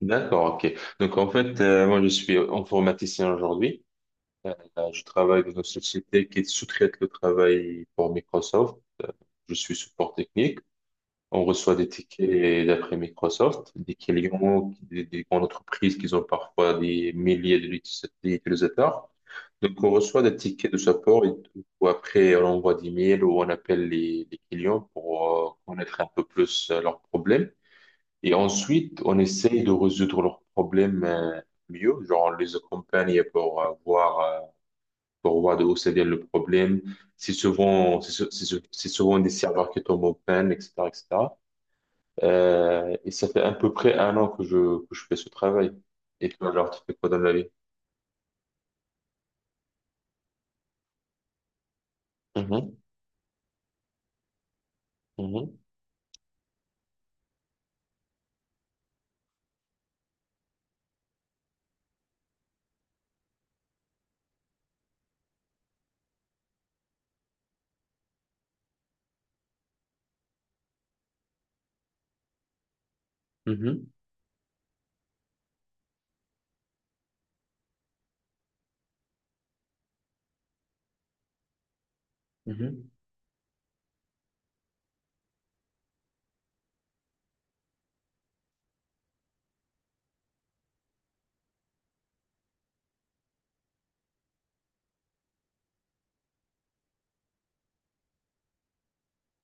D'accord, ok. Donc en fait, moi je suis informaticien aujourd'hui. Euh, je travaille dans une société qui sous-traite le travail pour Microsoft. Je suis support technique. On reçoit des tickets d'après Microsoft, des clients, des grandes entreprises qui ont parfois des milliers d'utilisateurs. Donc on reçoit des tickets de support et tout. Ou après on envoie des mails ou on appelle les clients pour connaître un peu plus leurs problèmes. Et ensuite, on essaye de résoudre leurs problèmes mieux. Genre, on les accompagne pour voir de où ça vient le problème. C'est souvent, c'est sou- c'est sou- C'est souvent des serveurs qui tombent en panne, etc., etc. Et ça fait à peu près un an que que je fais ce travail. Et toi, genre, tu fais quoi dans la vie? Mhm, mhm, mhm, mhm,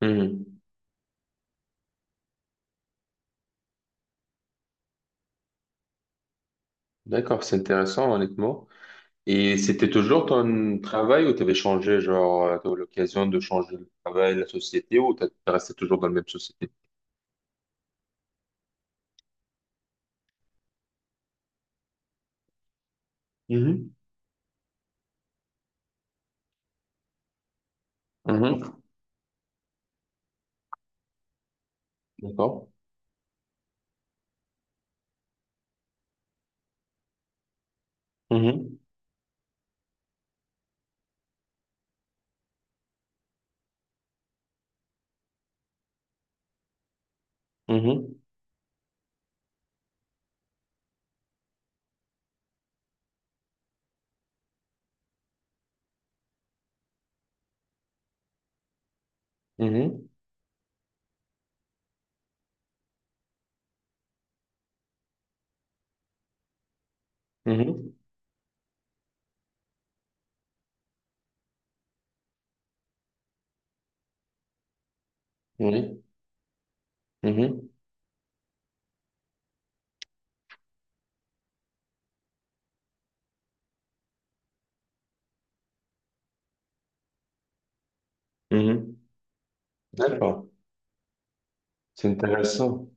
mhm. D'accord, c'est intéressant, honnêtement. Et c'était toujours ton travail ou t'avais changé, genre, t'as eu l'occasion de changer le travail, la société, ou t'es resté toujours dans la même société? Mhm. Mhm. D'accord. Mhm. Mhm. Mhm. Mhm. Oui. Mhm. Mhm. D'accord. C'est intéressant.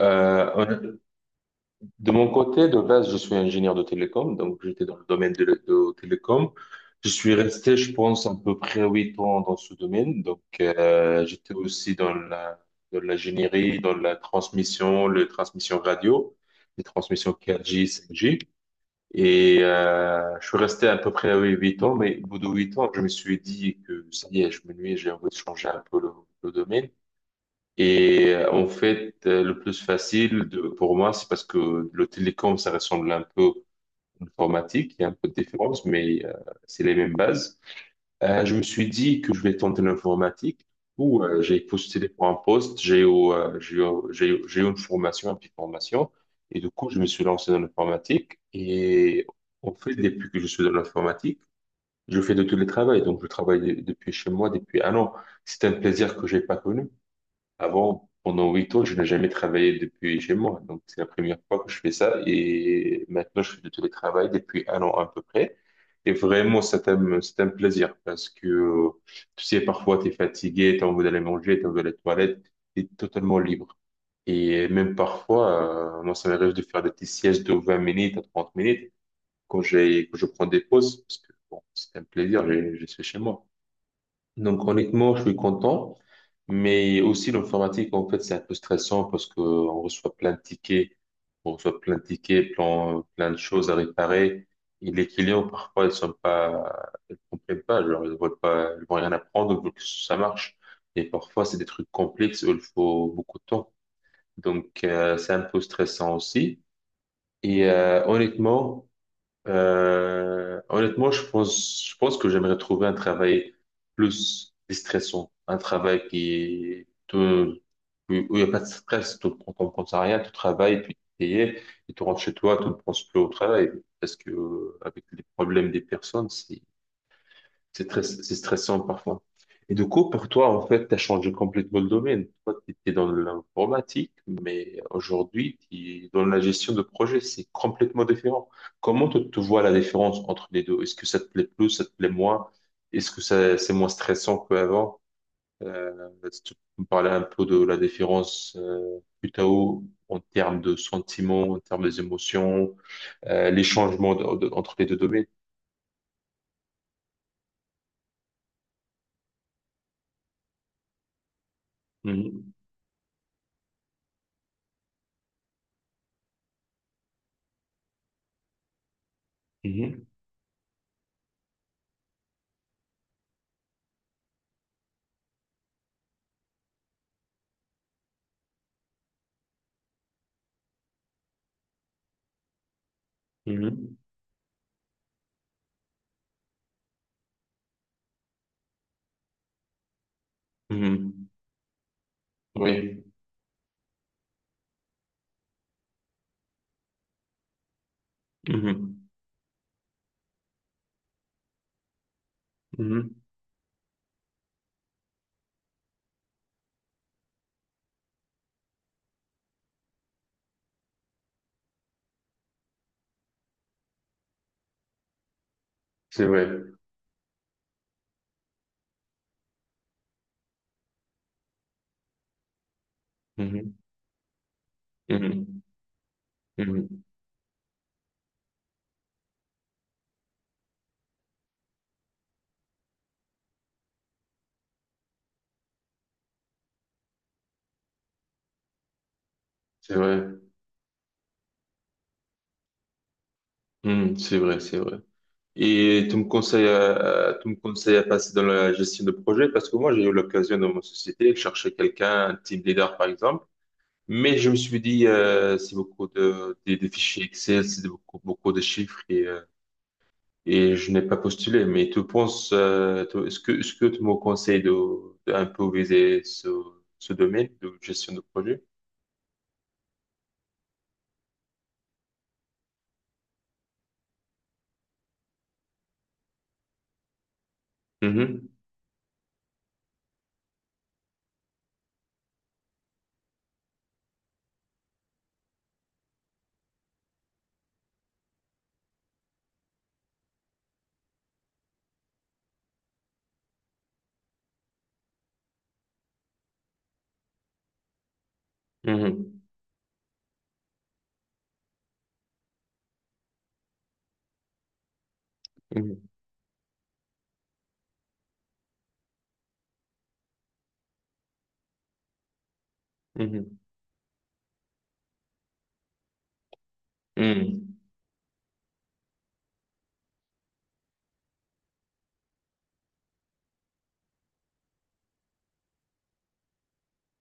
Euh, De mon côté, de base, je suis ingénieur de télécom, donc j'étais dans le domaine de télécom. Je suis resté, je pense, à peu près 8 ans dans ce domaine. Donc, j'étais aussi dans l'ingénierie, dans la transmission, les transmissions radio, les transmissions 4G, 5G. Et je suis resté à peu près oui, 8 ans, mais au bout de 8 ans, je me suis dit que ça y est, je m'ennuie, j'ai envie de changer un peu le domaine. Et en fait, le plus facile pour moi, c'est parce que le télécom, ça ressemble un peu à l'informatique. Il y a un peu de différence, mais c'est les mêmes bases. Je me suis dit que je vais tenter l'informatique. Ou J'ai postulé pour un poste, euh, j'ai eu, j'ai eu une formation, une petite formation. Et du coup, je me suis lancé dans l'informatique. Et en fait, depuis que je suis dans l'informatique, je fais de tous les travaux. Donc, je travaille depuis chez moi depuis un an. C'est un plaisir que j'ai pas connu. Avant, pendant 8 ans, je n'ai jamais travaillé depuis chez moi. Donc, c'est la première fois que je fais ça. Et maintenant, je fais du télétravail depuis un an à peu près. Et vraiment, c'est un plaisir parce que, tu sais, parfois, tu es fatigué, tu as envie d'aller manger, tu as envie d'aller aux toilettes, tu es totalement libre. Et même parfois, moi, ça m'arrive de faire des petites siestes de 20 minutes à 30 minutes quand quand je prends des pauses parce que, bon, c'est un plaisir, je suis chez moi. Donc honnêtement, je suis content, mais aussi l'informatique, en fait, c'est un peu stressant parce que on reçoit plein de tickets, plein, plein de choses à réparer. Et les clients, parfois, ils sont pas, ils comprennent pas, genre, ils veulent pas, ils vont rien apprendre, ils veulent que ça marche. Et parfois, c'est des trucs complexes où il faut beaucoup de temps. Donc, c'est un peu stressant aussi. Et honnêtement, je pense que j'aimerais trouver un travail plus déstressant, un travail où il n'y a pas de stress, tu ne prends compte à rien, tu travailles, puis tu es payé, et tu rentres chez toi, tu ne penses plus au travail, parce que avec les problèmes des personnes, c'est stressant parfois. Et du coup, pour toi, en fait, tu as changé complètement le domaine. Toi, tu étais dans l'informatique, mais aujourd'hui, tu es dans la gestion de projet. C'est complètement différent. Comment tu te vois la différence entre les deux? Est-ce que ça te plaît plus, ça te plaît moins? Est-ce que ça, c'est moins stressant qu'avant? Si tu peux me parler un peu de la différence plutôt en termes de sentiments, en termes des émotions, les changements entre les deux domaines. Mhm. Mhm. Mhm. Mhm. Oui. Mhm. Mhm. C'est vrai. Mhm. Mhm. Mhm. C'est vrai. Mhm. C'est vrai, c'est vrai. Et tu me conseilles à passer dans la gestion de projet parce que moi, j'ai eu l'occasion dans mon société de chercher quelqu'un, un team leader par exemple. Mais je me suis dit, c'est beaucoup de, des fichiers Excel, c'est beaucoup, beaucoup de chiffres et je n'ai pas postulé. Mais tu penses, est-ce que tu me conseilles de un peu viser ce domaine de gestion de projet? Mhm. Mhm. Mhm. Mhm.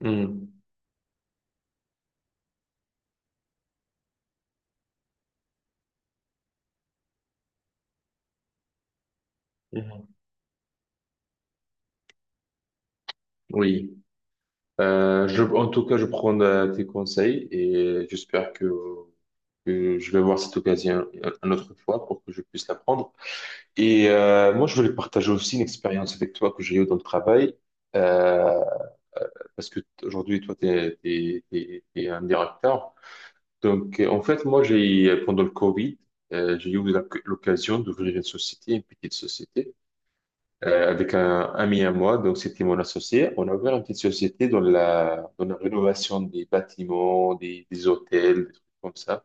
Mhm. Mhm. Oui. En tout cas, je prends tes conseils et j'espère que je vais voir cette occasion une autre fois pour que je puisse la prendre. Et moi, je voulais partager aussi une expérience avec toi que j'ai eue dans le travail euh, parce que aujourd'hui, toi, t'es un directeur. Donc, en fait, moi, j'ai pendant le Covid, j'ai eu l'occasion d'ouvrir une société, une petite société. Avec un ami à moi, donc c'était mon associé. On a ouvert une petite société dans la rénovation des bâtiments, des hôtels, des trucs comme ça,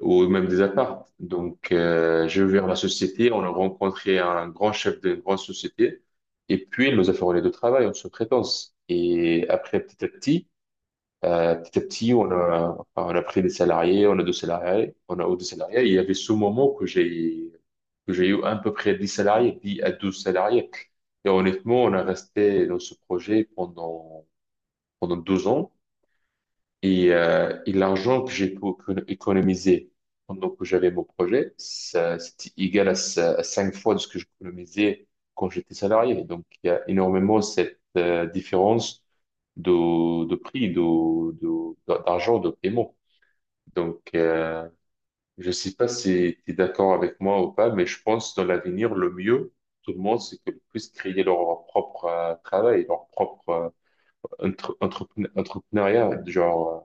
ou même des apparts. Donc, j'ai ouvert la société, on a rencontré un grand chef d'une grande société, et puis il nous a fait relais de travail en sous-traitance. Et après, petit à petit, on a pris des salariés, on a deux salariés. Et il y avait ce moment que j'ai eu à peu près 10 salariés, 10 à 12 salariés. Et honnêtement, on a resté dans ce projet pendant 2 ans. Et l'argent que j'ai pu économiser pendant que j'avais mon projet, ça, c'était égal à 5 fois de ce que j'économisais quand j'étais salarié. Donc, il y a énormément cette différence de prix, d'argent, de paiement. Donc, je sais pas si tu es d'accord avec moi ou pas, mais je pense dans l'avenir, le mieux, tout le monde, c'est qu'ils puissent créer leur propre travail, leur propre entrepreneuriat, genre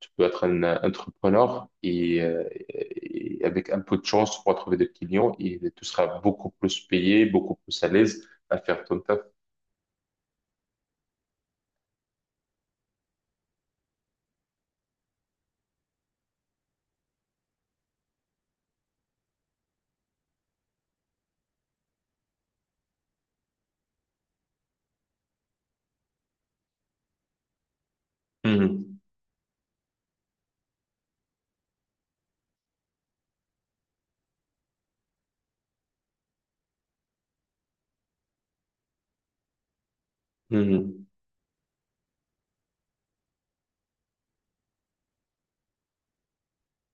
tu peux être un entrepreneur et avec un peu de chance, tu pourras trouver des clients et tu seras beaucoup plus payé, beaucoup plus à l'aise à faire ton taf. Mhm. Mhm.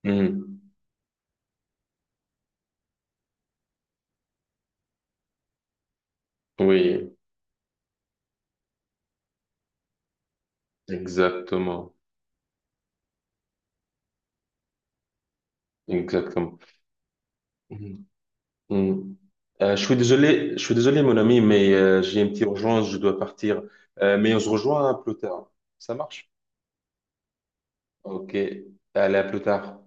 Mhm. Oui, exactement. Exactement. Mhm. Mhm. Je suis désolé, je suis désolé, mon ami, mais j'ai une petite urgence, je dois partir. Mais on se rejoint plus tard. Ça marche? Ok. Allez, à plus tard.